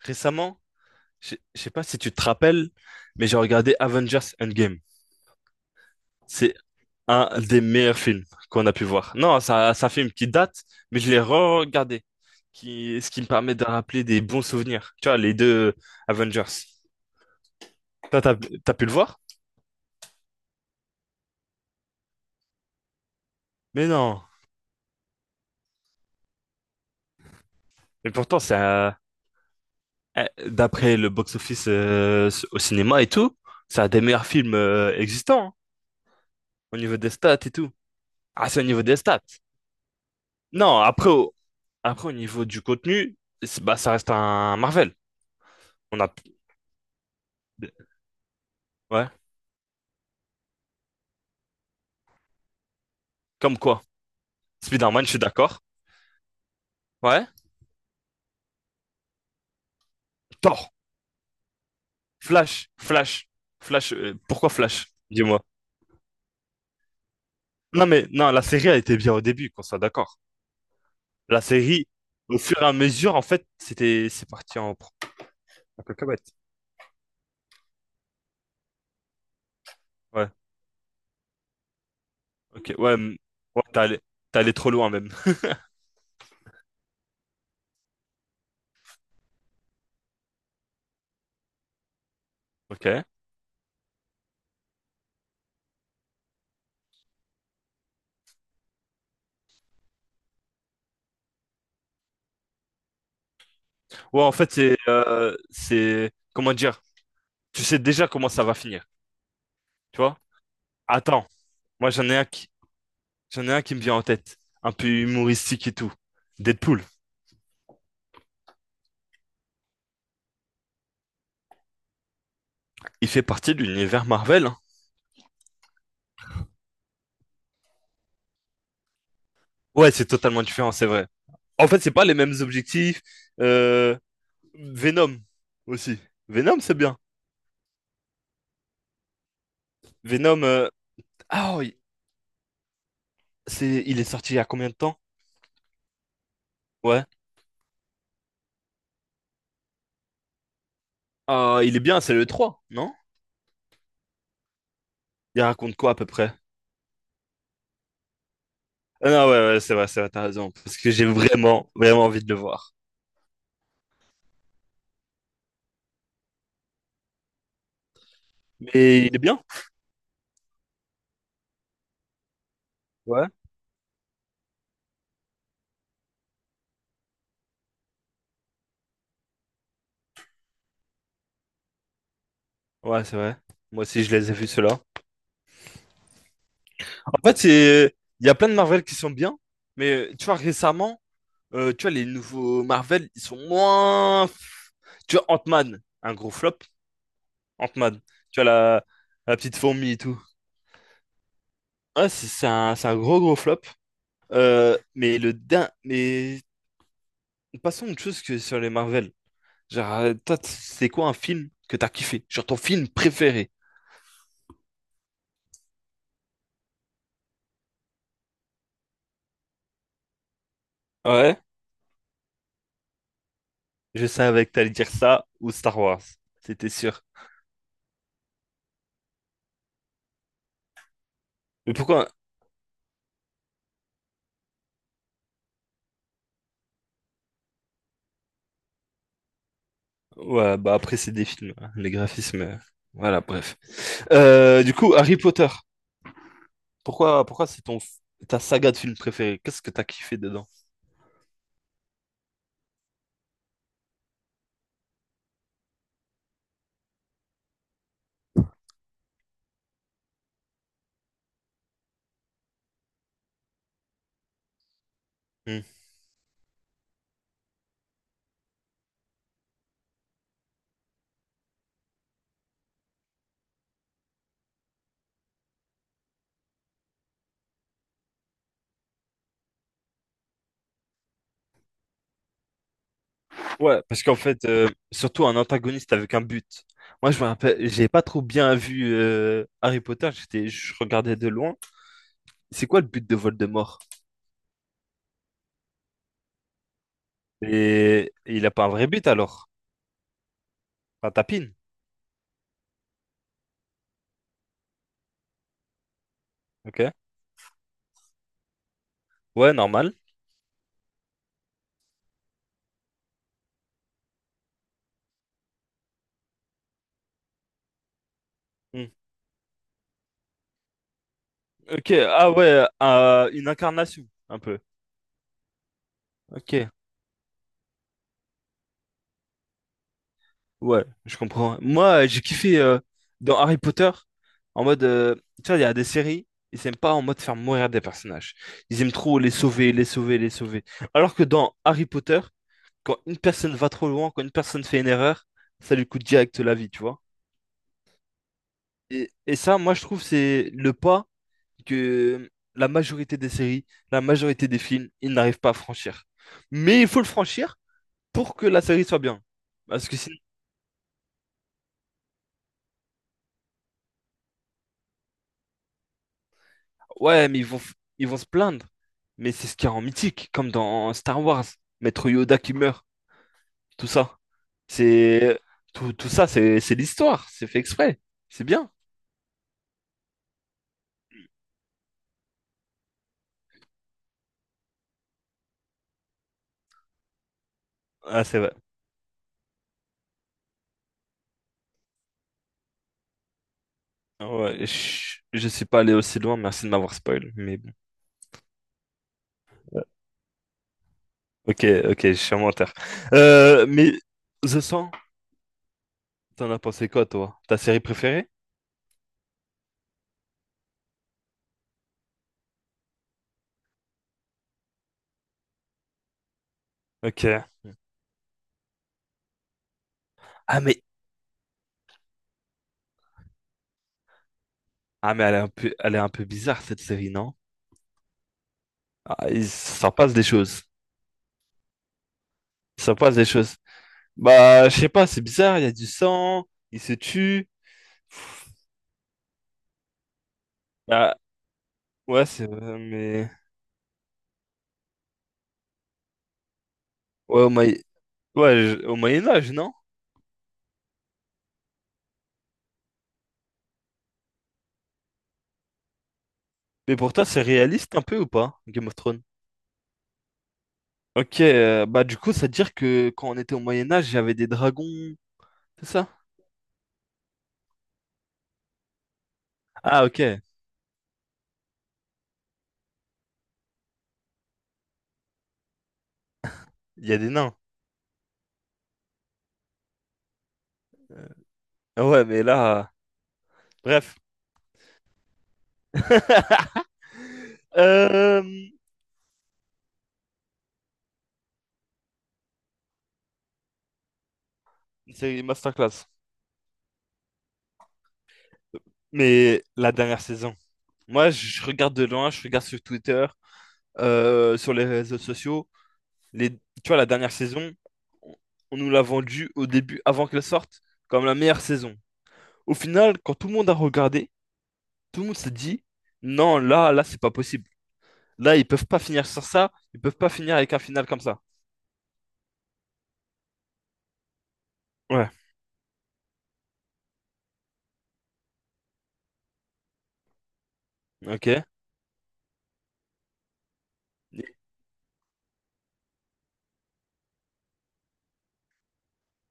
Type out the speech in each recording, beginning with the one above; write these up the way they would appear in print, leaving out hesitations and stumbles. Récemment, je sais pas si tu te rappelles, mais j'ai regardé Avengers Endgame. C'est un des meilleurs films qu'on a pu voir. Non, ça film qui date, mais je l'ai re-regardé, ce qui me permet de rappeler des bons souvenirs. Tu vois, les deux Avengers. Toi, t'as, T'as pu le voir? Mais non. Mais pourtant, ça, d'après le box-office au cinéma et tout, c'est un des meilleurs films existants hein, au niveau des stats et tout. Ah, c'est au niveau des stats. Non, après, après, au niveau du contenu, bah, ça reste un Marvel. On a... Ouais, comme quoi? Spider-Man, je suis d'accord. Ouais. Thor, Flash, Flash, Flash. Pourquoi Flash? Dis-moi. Non, mais non, la série a été bien au début, qu'on soit d'accord. La série, au fur et à mesure, en fait, c'est parti en... en cacahuète. Ouais, ok, ouais, ouais, t'es allé trop loin même. Ok. Ouais, en fait, c'est, comment dire? Tu sais déjà comment ça va finir, tu vois? Attends, moi j'en ai un qui, j'en ai un qui me vient en tête, un peu humoristique et tout. Deadpool, il fait partie de l'univers Marvel, hein. Ouais, c'est totalement différent, c'est vrai. En fait, c'est pas les mêmes objectifs. Euh, Venom aussi. Venom, c'est bien. Venom, ah, oui, c'est, il est sorti il y a combien de temps? Ouais. Ah, il est bien, c'est le trois non? Il raconte quoi à peu près? Ah, non, ouais, ouais, c'est vrai, t'as raison. Parce que j'ai vraiment, vraiment envie de le voir. Mais il est bien. Ouais. Ouais, c'est vrai. Moi aussi, je les ai vus, ceux-là. En fait, c'est, il y a plein de Marvel qui sont bien, mais tu vois, récemment, tu vois, les nouveaux Marvel, ils sont moins. Tu vois, Ant-Man, un gros flop. Ant-Man, tu vois, la, la petite fourmi et tout. Ah, c'est un gros, gros flop. Mais passons à autre chose que sur les Marvel. Genre, toi, c'est quoi un film que t'as kiffé? Genre, ton film préféré? Ouais, je savais que t'allais dire ça ou Star Wars. C'était sûr. Mais pourquoi? Ouais, bah après, c'est des films, hein, les graphismes. Voilà, bref. Du coup, Harry Potter, pourquoi c'est ta saga de film préférée? Qu'est-ce que t'as kiffé dedans? Hmm. Ouais, parce qu'en fait, surtout un antagoniste avec un but. Moi, je me rappelle, j'ai pas trop bien vu Harry Potter, j'étais, je regardais de loin. C'est quoi le but de Voldemort? Et il a pas un vrai but alors? Un tapine, ok? Ouais, normal. Hmm. Ok, ah ouais, une incarnation, un peu. Ok. Ouais, je comprends. Moi, j'ai kiffé dans Harry Potter, en mode, tu vois, il y a des séries, ils aiment pas en mode faire mourir des personnages. Ils aiment trop les sauver, les sauver, les sauver. Alors que dans Harry Potter, quand une personne va trop loin, quand une personne fait une erreur, ça lui coûte direct la vie, tu vois. Et ça, moi, je trouve, c'est le pas que la majorité des séries, la majorité des films, ils n'arrivent pas à franchir. Mais il faut le franchir pour que la série soit bien. Parce que si... Ouais, mais ils vont, ils vont se plaindre. Mais c'est ce qu'il y a en mythique, comme dans Star Wars. Maître Yoda qui meurt, tout ça. C'est tout ça, c'est l'histoire. C'est fait exprès. C'est bien. Ah, c'est vrai. Ouais, je suis pas allé aussi loin. Merci de m'avoir spoil. Mais bon. Ok, ok, je suis un menteur. Mais The Sand t'en as pensé quoi, toi? Ta série préférée? Ok. Ah, mais ah, mais elle est un peu, elle est un peu bizarre cette série, non? Ah, il s'en passe des choses. Il s'en passe des choses. Bah, je sais pas, c'est bizarre, il y a du sang, il se tue. Ah, ouais, c'est vrai, mais. Ouais, au, Moyen- ouais, au Moyen-Âge, non? Mais pour toi, c'est réaliste un peu ou pas, Game of Thrones? Ok, bah, du coup, ça veut dire que quand on était au Moyen-Âge, il y avait des dragons, c'est ça? Ah, ok, il y a des nains. Ah ouais, mais là. Bref. Euh... C'est une masterclass. Mais la dernière saison. Moi, je regarde de loin, je regarde sur Twitter, sur les réseaux sociaux. Les, tu vois, la dernière saison, on on nous l'a vendue au début, avant qu'elle sorte, comme la meilleure saison. Au final, quand tout le monde a regardé, tout le monde s'est dit, non, là, c'est pas possible. Là, ils peuvent pas finir sur ça, ils peuvent pas finir avec un final comme ça. Ouais, ok.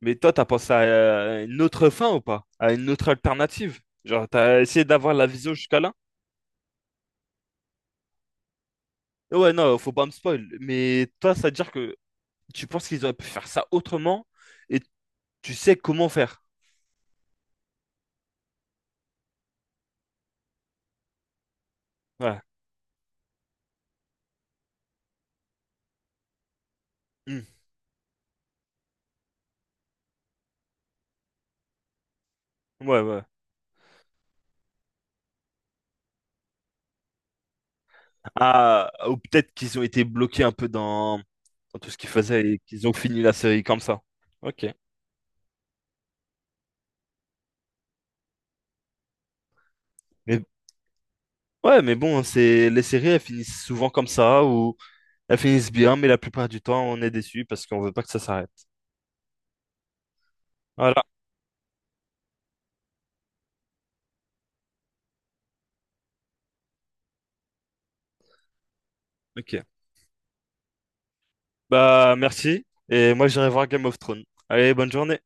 Mais toi, t'as pensé à une autre fin ou pas? À une autre alternative? Genre, t'as essayé d'avoir la vision jusqu'à là? Ouais, non, faut pas me spoil. Mais toi, ça veut dire que tu penses qu'ils auraient pu faire ça autrement et tu sais comment faire. Ouais. Hmm. Ouais, ouais. Ah, ou peut-être qu'ils ont été bloqués un peu dans, dans tout ce qu'ils faisaient et qu'ils ont fini la série comme ça. Ok. Mais ouais, mais bon, c'est les séries, elles finissent souvent comme ça, ou elles finissent bien, mais la plupart du temps, on est déçu parce qu'on veut pas que ça s'arrête. Voilà. Ok. Bah, merci. Et moi, j'irai voir Game of Thrones. Allez, bonne journée.